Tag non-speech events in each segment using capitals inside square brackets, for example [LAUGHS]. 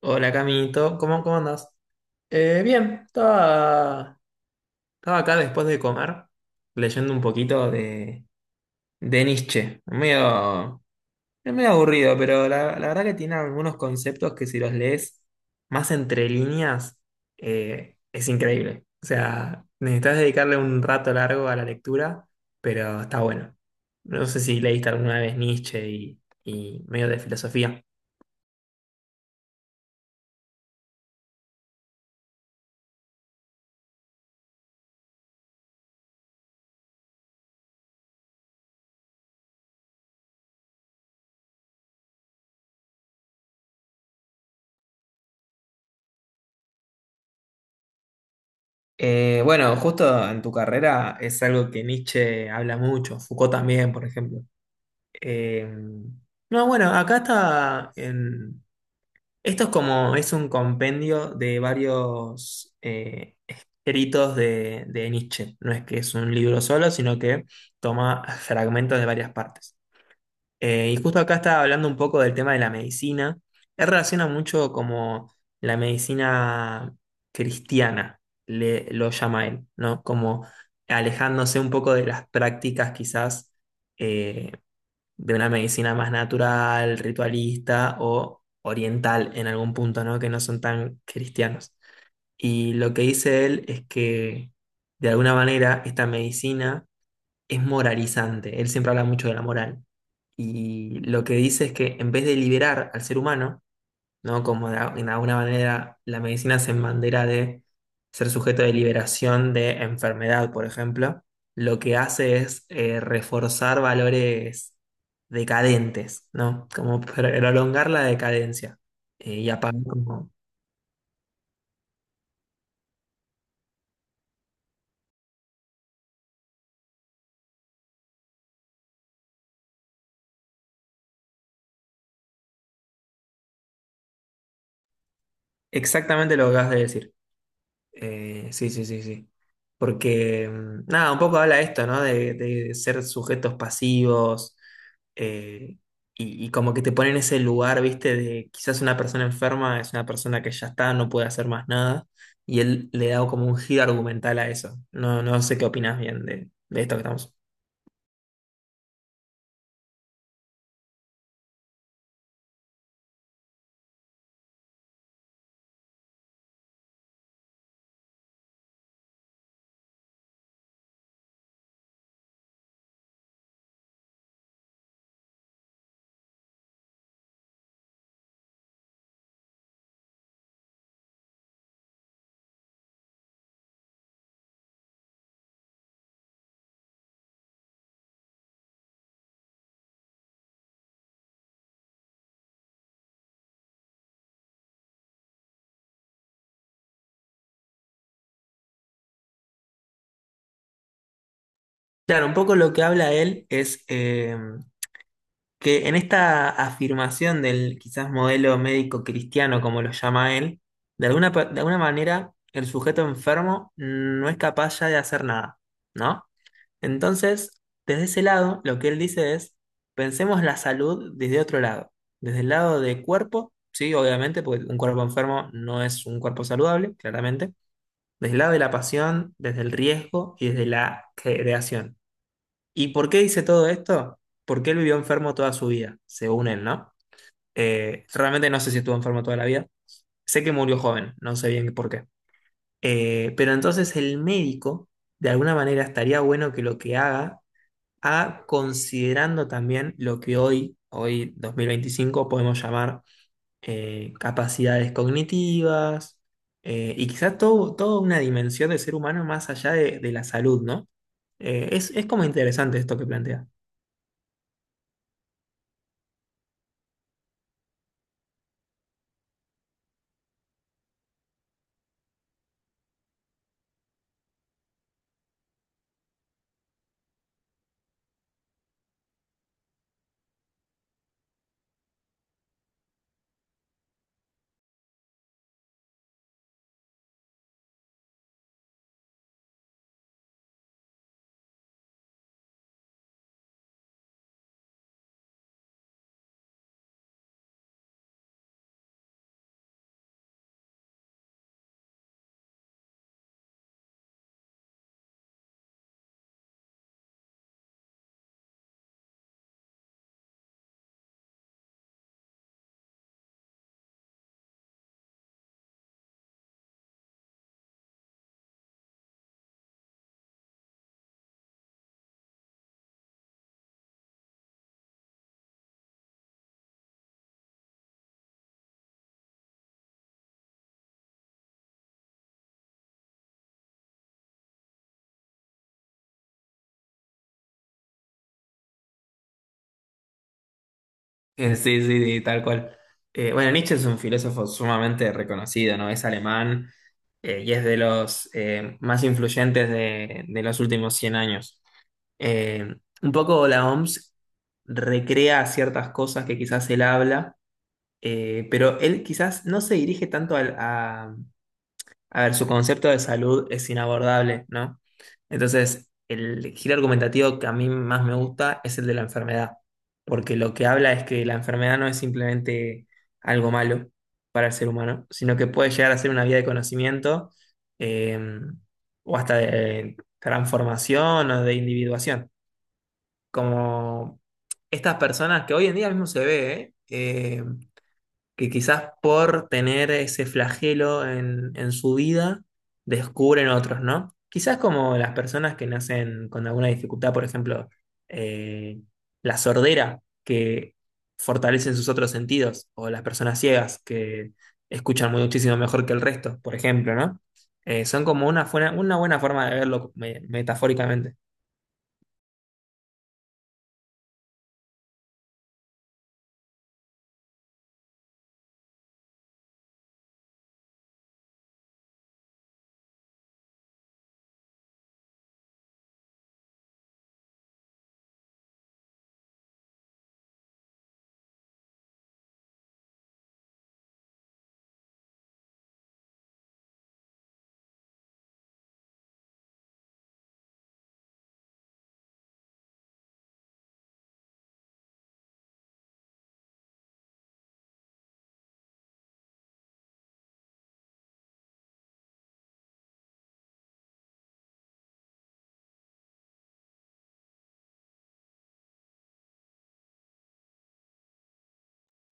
Hola Camito, ¿cómo andas? Bien, estaba, estaba acá después de comer, leyendo un poquito de Nietzsche. Medio, es medio aburrido, pero la verdad que tiene algunos conceptos que si los lees más entre líneas, es increíble. O sea, necesitas dedicarle un rato largo a la lectura, pero está bueno. No sé si leíste alguna vez Nietzsche y medio de filosofía. Bueno, justo en tu carrera es algo que Nietzsche habla mucho, Foucault también, por ejemplo. Eh, no, bueno, esto es como, es un compendio de varios escritos de Nietzsche. No es que es un libro solo, sino que toma fragmentos de varias partes. Y justo acá estaba hablando un poco del tema de la medicina. Él relaciona mucho como la medicina cristiana, lo llama él, ¿no? Como alejándose un poco de las prácticas quizás eh, de una medicina más natural, ritualista o oriental en algún punto, ¿no? Que no son tan cristianos. Y lo que dice él es que de alguna manera esta medicina es moralizante. Él siempre habla mucho de la moral. Y lo que dice es que en vez de liberar al ser humano, ¿no? Como en alguna manera la medicina se embandera de ser sujeto de liberación de enfermedad, por ejemplo, lo que hace es reforzar valores decadentes, ¿no? Como prolongar la decadencia y exactamente lo que acabas de decir. Sí, sí, sí, sí. Porque, mm, nada, un poco habla esto, ¿no? De ser sujetos pasivos eh, y como que te ponen en ese lugar, ¿viste? De quizás una persona enferma es una persona que ya está, no puede hacer más nada. Y él le da como un giro argumental a eso. No sé qué opinas bien de esto que estamos. Claro, un poco lo que habla él es que en esta afirmación del quizás modelo médico cristiano, como lo llama él, de alguna manera el sujeto enfermo no es capaz ya de hacer nada, ¿no? Entonces, desde ese lado, lo que él dice es, pensemos la salud desde otro lado, desde el lado del cuerpo, sí, obviamente, porque un cuerpo enfermo no es un cuerpo saludable, claramente, desde el lado de la pasión, desde el riesgo y desde la creación. ¿Y por qué dice todo esto? Porque él vivió enfermo toda su vida, según él, ¿no? Realmente no sé si estuvo enfermo toda la vida. Sé que murió joven, no sé bien por qué. Pero entonces el médico, de alguna manera, estaría bueno que lo que haga, haga considerando también lo que hoy 2025 podemos llamar capacidades cognitivas y quizás toda una dimensión del ser humano más allá de la salud, ¿no? Eh, es como interesante esto que plantea. [LAUGHS] Sí, sí, sí, tal cual. Bueno, Nietzsche es un filósofo sumamente reconocido, ¿no? Es alemán y es de los más influyentes de los últimos 100 años. Eh, un poco la OMS recrea ciertas cosas que quizás él habla, pero él quizás no se dirige tanto a ver, su concepto de salud es inabordable, ¿no? Entonces, el giro argumentativo que a mí más me gusta es el de la enfermedad, porque lo que habla es que la enfermedad no es simplemente algo malo para el ser humano, sino que puede llegar a ser una vía de conocimiento eh, o hasta de transformación o de individuación. Como estas personas que hoy en día mismo se ve, ¿eh? Que quizás por tener ese flagelo en su vida, descubren otros, ¿no? Quizás como las personas que nacen con alguna dificultad, por ejemplo, eh, la sordera, que fortalecen sus otros sentidos, o las personas ciegas, que escuchan muchísimo mejor que el resto, por ejemplo, ¿no? Son como una buena forma de verlo metafóricamente.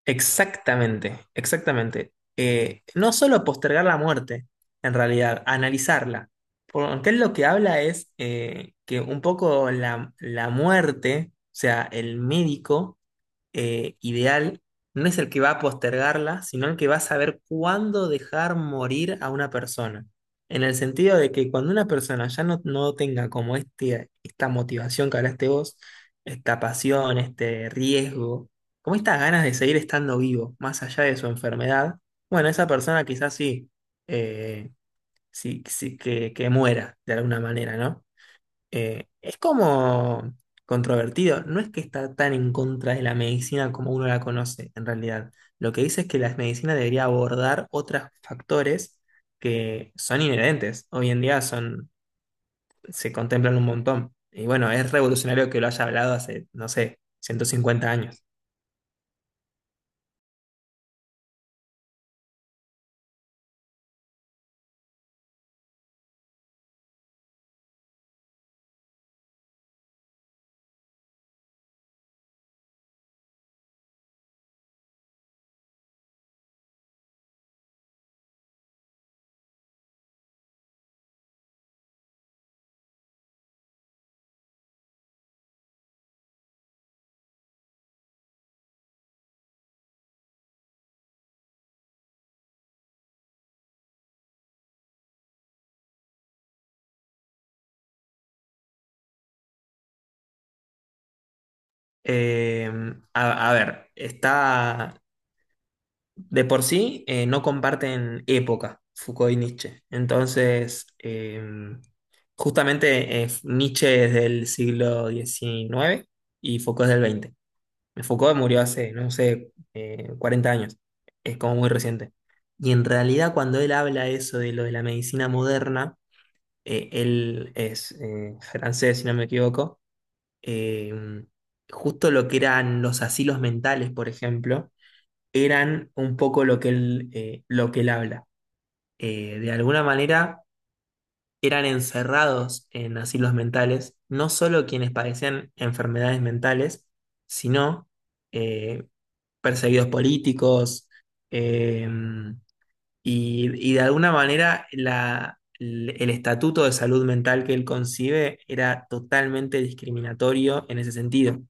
Exactamente, exactamente. No solo postergar la muerte, en realidad, analizarla. Porque él lo que habla es que un poco la muerte, o sea, el médico, ideal no es el que va a postergarla, sino el que va a saber cuándo dejar morir a una persona. En el sentido de que cuando una persona ya no tenga como esta motivación que hablaste vos, esta pasión, este riesgo, como estas ganas de seguir estando vivo, más allá de su enfermedad, bueno, esa persona quizás sí, eh, sí, sí que muera de alguna manera, ¿no? Es como controvertido. No es que está tan en contra de la medicina como uno la conoce, en realidad. Lo que dice es que la medicina debería abordar otros factores que son inherentes. Hoy en día se contemplan un montón. Y bueno, es revolucionario que lo haya hablado hace, no sé, 150 años. Eh, a ver, está. De por sí no comparten época, Foucault y Nietzsche. Entonces, justamente Nietzsche es del siglo 19 y Foucault es del veinte. Foucault murió hace, no sé, 40 años, es como muy reciente. Y en realidad cuando él habla eso de lo de la medicina moderna, él es francés, si no me equivoco, eh, justo lo que eran los asilos mentales, por ejemplo, eran un poco lo que él habla. De alguna manera eran encerrados en asilos mentales, no solo quienes padecían enfermedades mentales, sino eh, perseguidos políticos eh, y de alguna manera el el estatuto de salud mental que él concibe era totalmente discriminatorio en ese sentido.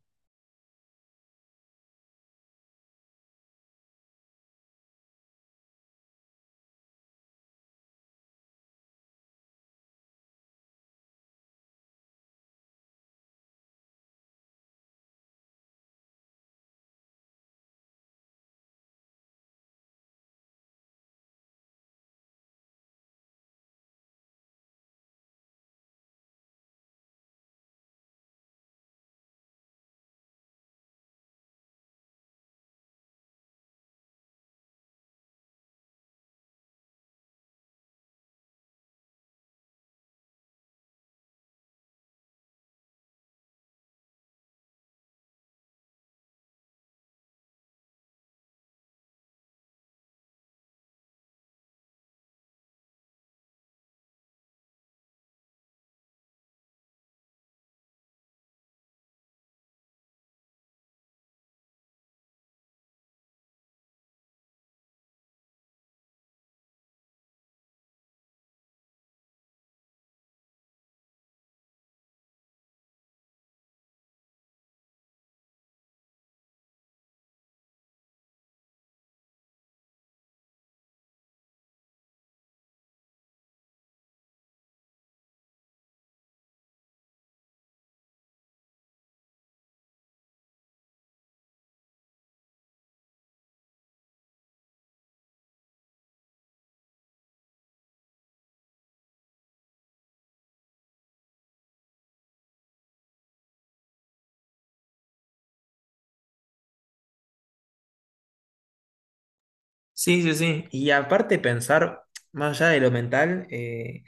Sí, sí, sí. Y aparte pensar, más allá de lo mental,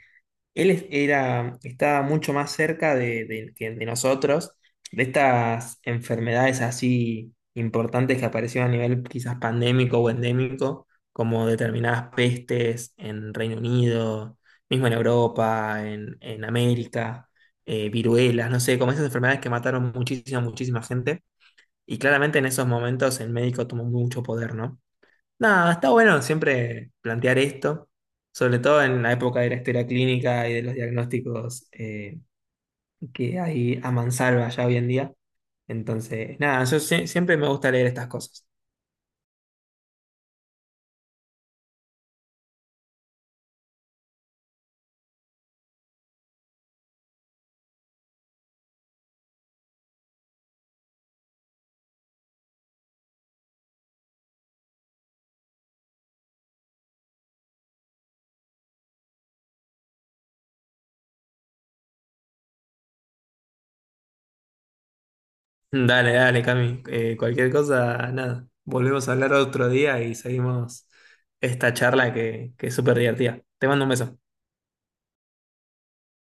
Era, estaba mucho más cerca de que de nosotros, de estas enfermedades así importantes que aparecieron a nivel quizás pandémico o endémico, como determinadas pestes en Reino Unido, mismo en Europa, en América, viruelas, no sé, como esas enfermedades que mataron muchísima, muchísima gente. Y claramente en esos momentos el médico tomó mucho poder, ¿no? Nada, está bueno siempre plantear esto, sobre todo en la época de la historia clínica y de los diagnósticos que hay a mansalva ya hoy en día. Entonces, nada, yo siempre me gusta leer estas cosas. Dale, dale, Cami. Cualquier cosa, nada. Volvemos a hablar otro día y seguimos esta charla que es súper divertida. Te mando un beso.